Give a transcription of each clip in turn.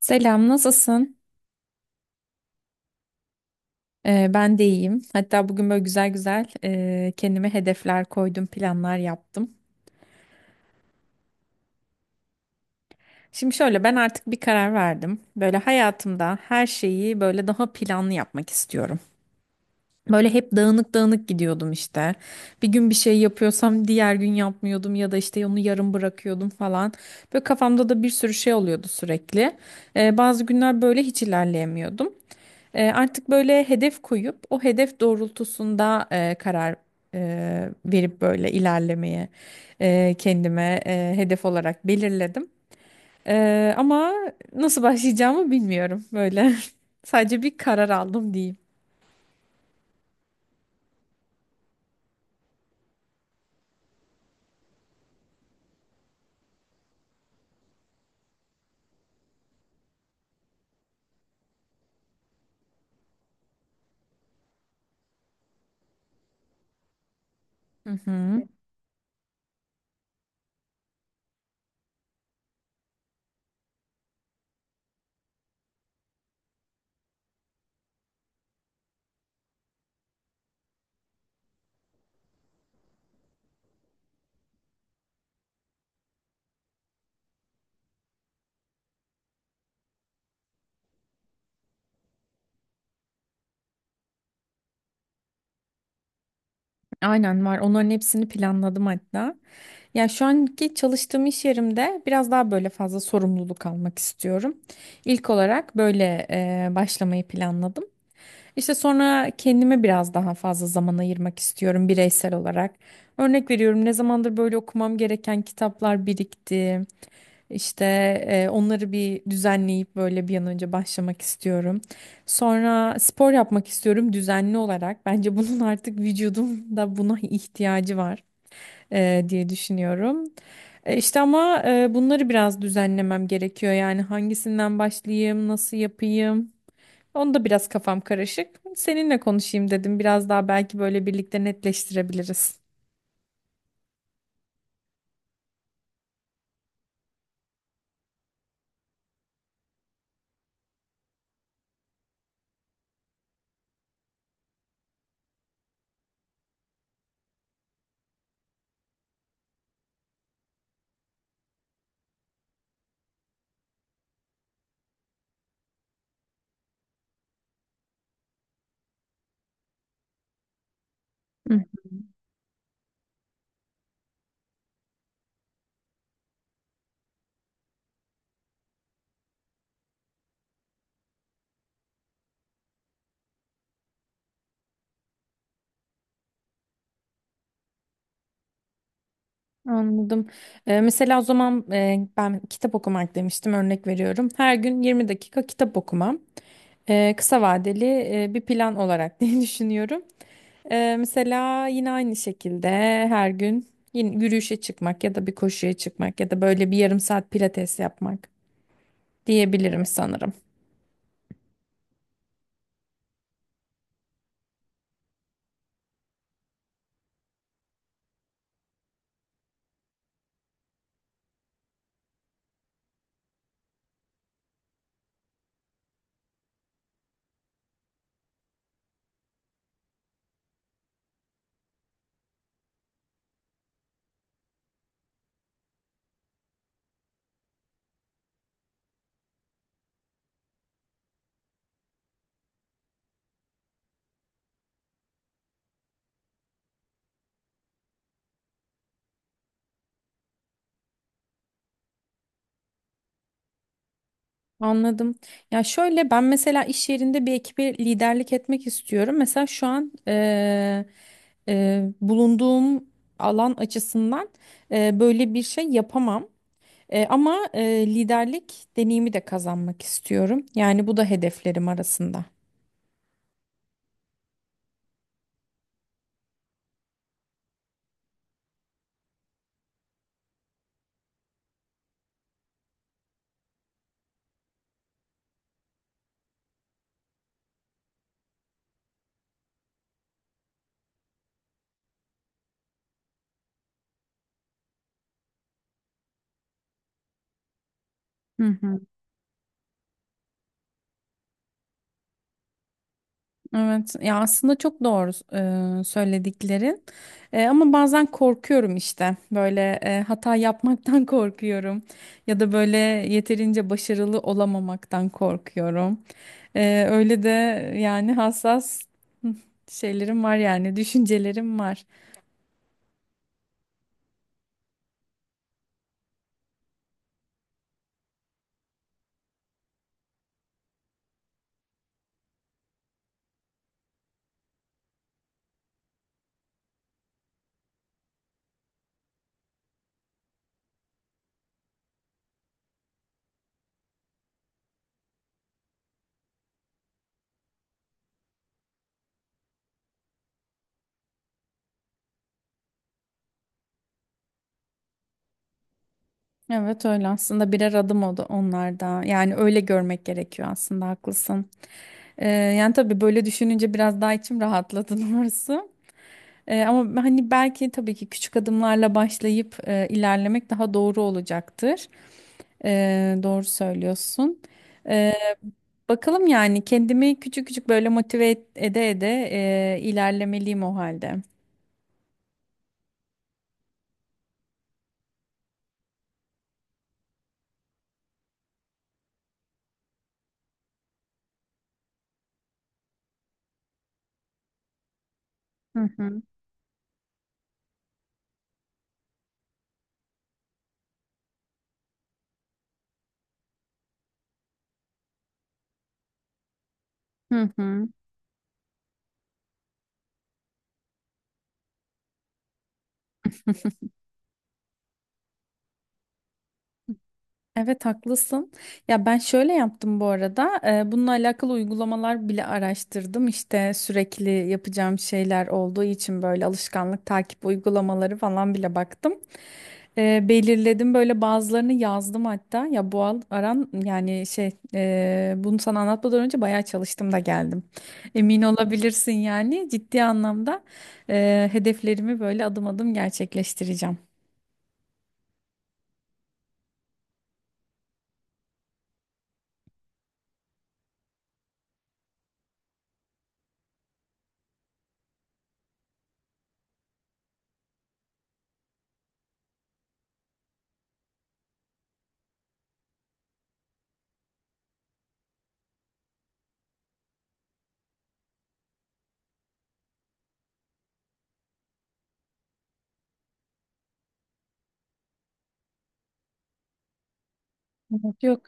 Selam, nasılsın? Ben de iyiyim. Hatta bugün böyle güzel güzel kendime hedefler koydum, planlar yaptım. Şimdi şöyle ben artık bir karar verdim. Böyle hayatımda her şeyi böyle daha planlı yapmak istiyorum. Böyle hep dağınık dağınık gidiyordum işte. Bir gün bir şey yapıyorsam diğer gün yapmıyordum ya da işte onu yarım bırakıyordum falan. Böyle kafamda da bir sürü şey oluyordu sürekli. Bazı günler böyle hiç ilerleyemiyordum. Artık böyle hedef koyup o hedef doğrultusunda karar verip böyle ilerlemeye kendime hedef olarak belirledim. Ama nasıl başlayacağımı bilmiyorum böyle. Sadece bir karar aldım diyeyim. Hı. Aynen var. Onların hepsini planladım hatta. Ya şu anki çalıştığım iş yerimde biraz daha böyle fazla sorumluluk almak istiyorum. İlk olarak böyle başlamayı planladım. İşte sonra kendime biraz daha fazla zaman ayırmak istiyorum bireysel olarak. Örnek veriyorum ne zamandır böyle okumam gereken kitaplar birikti. İşte onları bir düzenleyip böyle bir an önce başlamak istiyorum. Sonra spor yapmak istiyorum düzenli olarak. Bence bunun artık vücudumda buna ihtiyacı var diye düşünüyorum. E, işte ama e, bunları biraz düzenlemem gerekiyor. Yani hangisinden başlayayım, nasıl yapayım? Onda biraz kafam karışık. Seninle konuşayım dedim. Biraz daha belki böyle birlikte netleştirebiliriz. Hı hı. Anladım. Mesela o zaman ben kitap okumak demiştim örnek veriyorum. Her gün 20 dakika kitap okumam. Kısa vadeli bir plan olarak diye düşünüyorum. Mesela yine aynı şekilde her gün yine yürüyüşe çıkmak ya da bir koşuya çıkmak ya da böyle bir yarım saat pilates yapmak diyebilirim sanırım. Anladım. Ya şöyle ben mesela iş yerinde bir ekibe liderlik etmek istiyorum. Mesela şu an bulunduğum alan açısından böyle bir şey yapamam. Ama liderlik deneyimi de kazanmak istiyorum. Yani bu da hedeflerim arasında. Hı hı. Evet ya, aslında çok doğru söylediklerin. Ama bazen korkuyorum işte böyle hata yapmaktan korkuyorum ya da böyle yeterince başarılı olamamaktan korkuyorum. Öyle de yani hassas şeylerim var, yani düşüncelerim var. Evet, öyle aslında, birer adım oldu onlar da, yani öyle görmek gerekiyor aslında, haklısın. Yani tabii böyle düşününce biraz daha içim rahatladı doğrusu. Ama hani belki tabii ki küçük adımlarla başlayıp ilerlemek daha doğru olacaktır. Doğru söylüyorsun. E, Bakalım, yani kendimi küçük küçük böyle ede ede ilerlemeliyim o halde. Hı hı. Hı hı. Evet, haklısın. Ya ben şöyle yaptım bu arada. Bununla alakalı uygulamalar bile araştırdım. İşte sürekli yapacağım şeyler olduğu için böyle alışkanlık takip uygulamaları falan bile baktım. Belirledim böyle, bazılarını yazdım hatta. Ya bu al- aran yani şey bunu sana anlatmadan önce bayağı çalıştım da geldim. Emin olabilirsin, yani ciddi anlamda hedeflerimi böyle adım adım gerçekleştireceğim. Evet. Yok.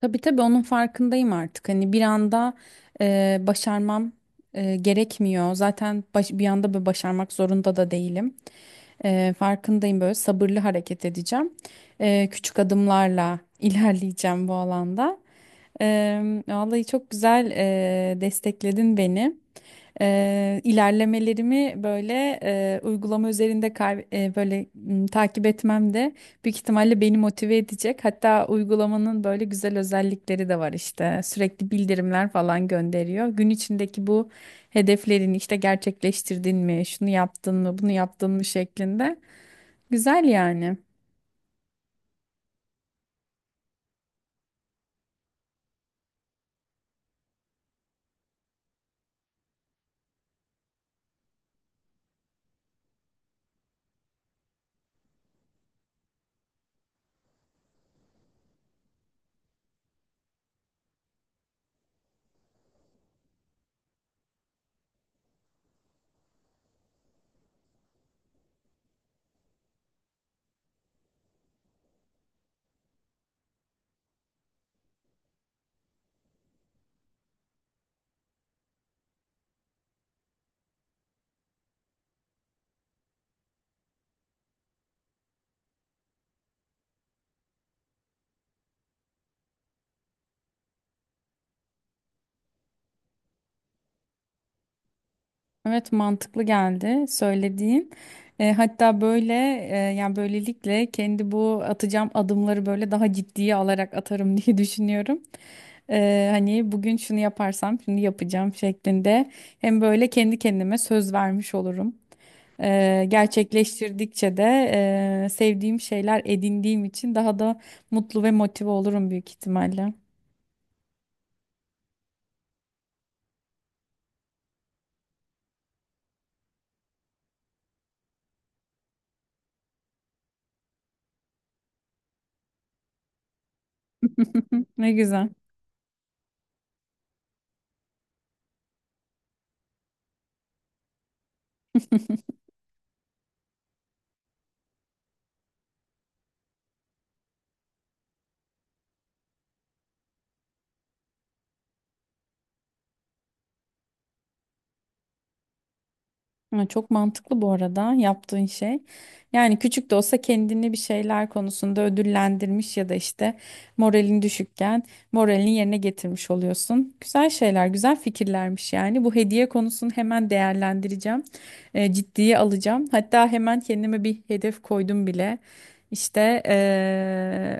Tabii tabii, onun farkındayım artık. Hani bir anda başarmam gerekmiyor. Zaten bir anda böyle başarmak zorunda da değilim. Farkındayım, böyle sabırlı hareket edeceğim. Küçük adımlarla ilerleyeceğim bu alanda. Vallahi çok güzel destekledin beni. İlerlemelerimi böyle uygulama üzerinde takip etmem de büyük ihtimalle beni motive edecek. Hatta uygulamanın böyle güzel özellikleri de var işte. Sürekli bildirimler falan gönderiyor. Gün içindeki bu hedeflerini işte gerçekleştirdin mi, şunu yaptın mı, bunu yaptın mı şeklinde. Güzel yani. Evet, mantıklı geldi söylediğin. Hatta böyle yani böylelikle kendi bu atacağım adımları böyle daha ciddiye alarak atarım diye düşünüyorum. Hani bugün şunu yaparsam şimdi yapacağım şeklinde hem böyle kendi kendime söz vermiş olurum. Gerçekleştirdikçe de sevdiğim şeyler edindiğim için daha da mutlu ve motive olurum büyük ihtimalle. Ne güzel. Ha, çok mantıklı bu arada yaptığın şey. Yani küçük de olsa kendini bir şeyler konusunda ödüllendirmiş ya da işte moralin düşükken moralini yerine getirmiş oluyorsun. Güzel şeyler, güzel fikirlermiş yani. Bu hediye konusunu hemen değerlendireceğim. Ciddiye alacağım. Hatta hemen kendime bir hedef koydum bile. İşte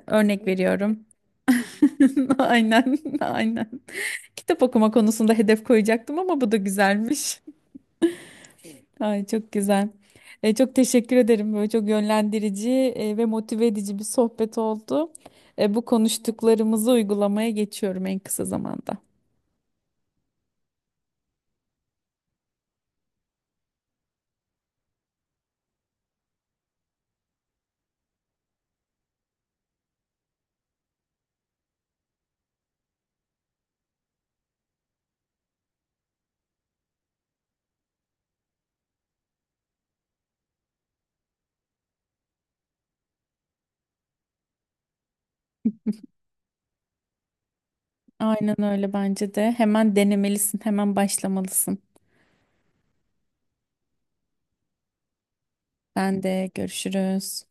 örnek veriyorum. Aynen, aynen. Kitap okuma konusunda hedef koyacaktım ama bu da güzelmiş. Ay, çok güzel. Çok teşekkür ederim. Böyle çok yönlendirici ve motive edici bir sohbet oldu. Bu konuştuklarımızı uygulamaya geçiyorum en kısa zamanda. Aynen öyle, bence de. Hemen denemelisin, hemen başlamalısın. Ben de görüşürüz.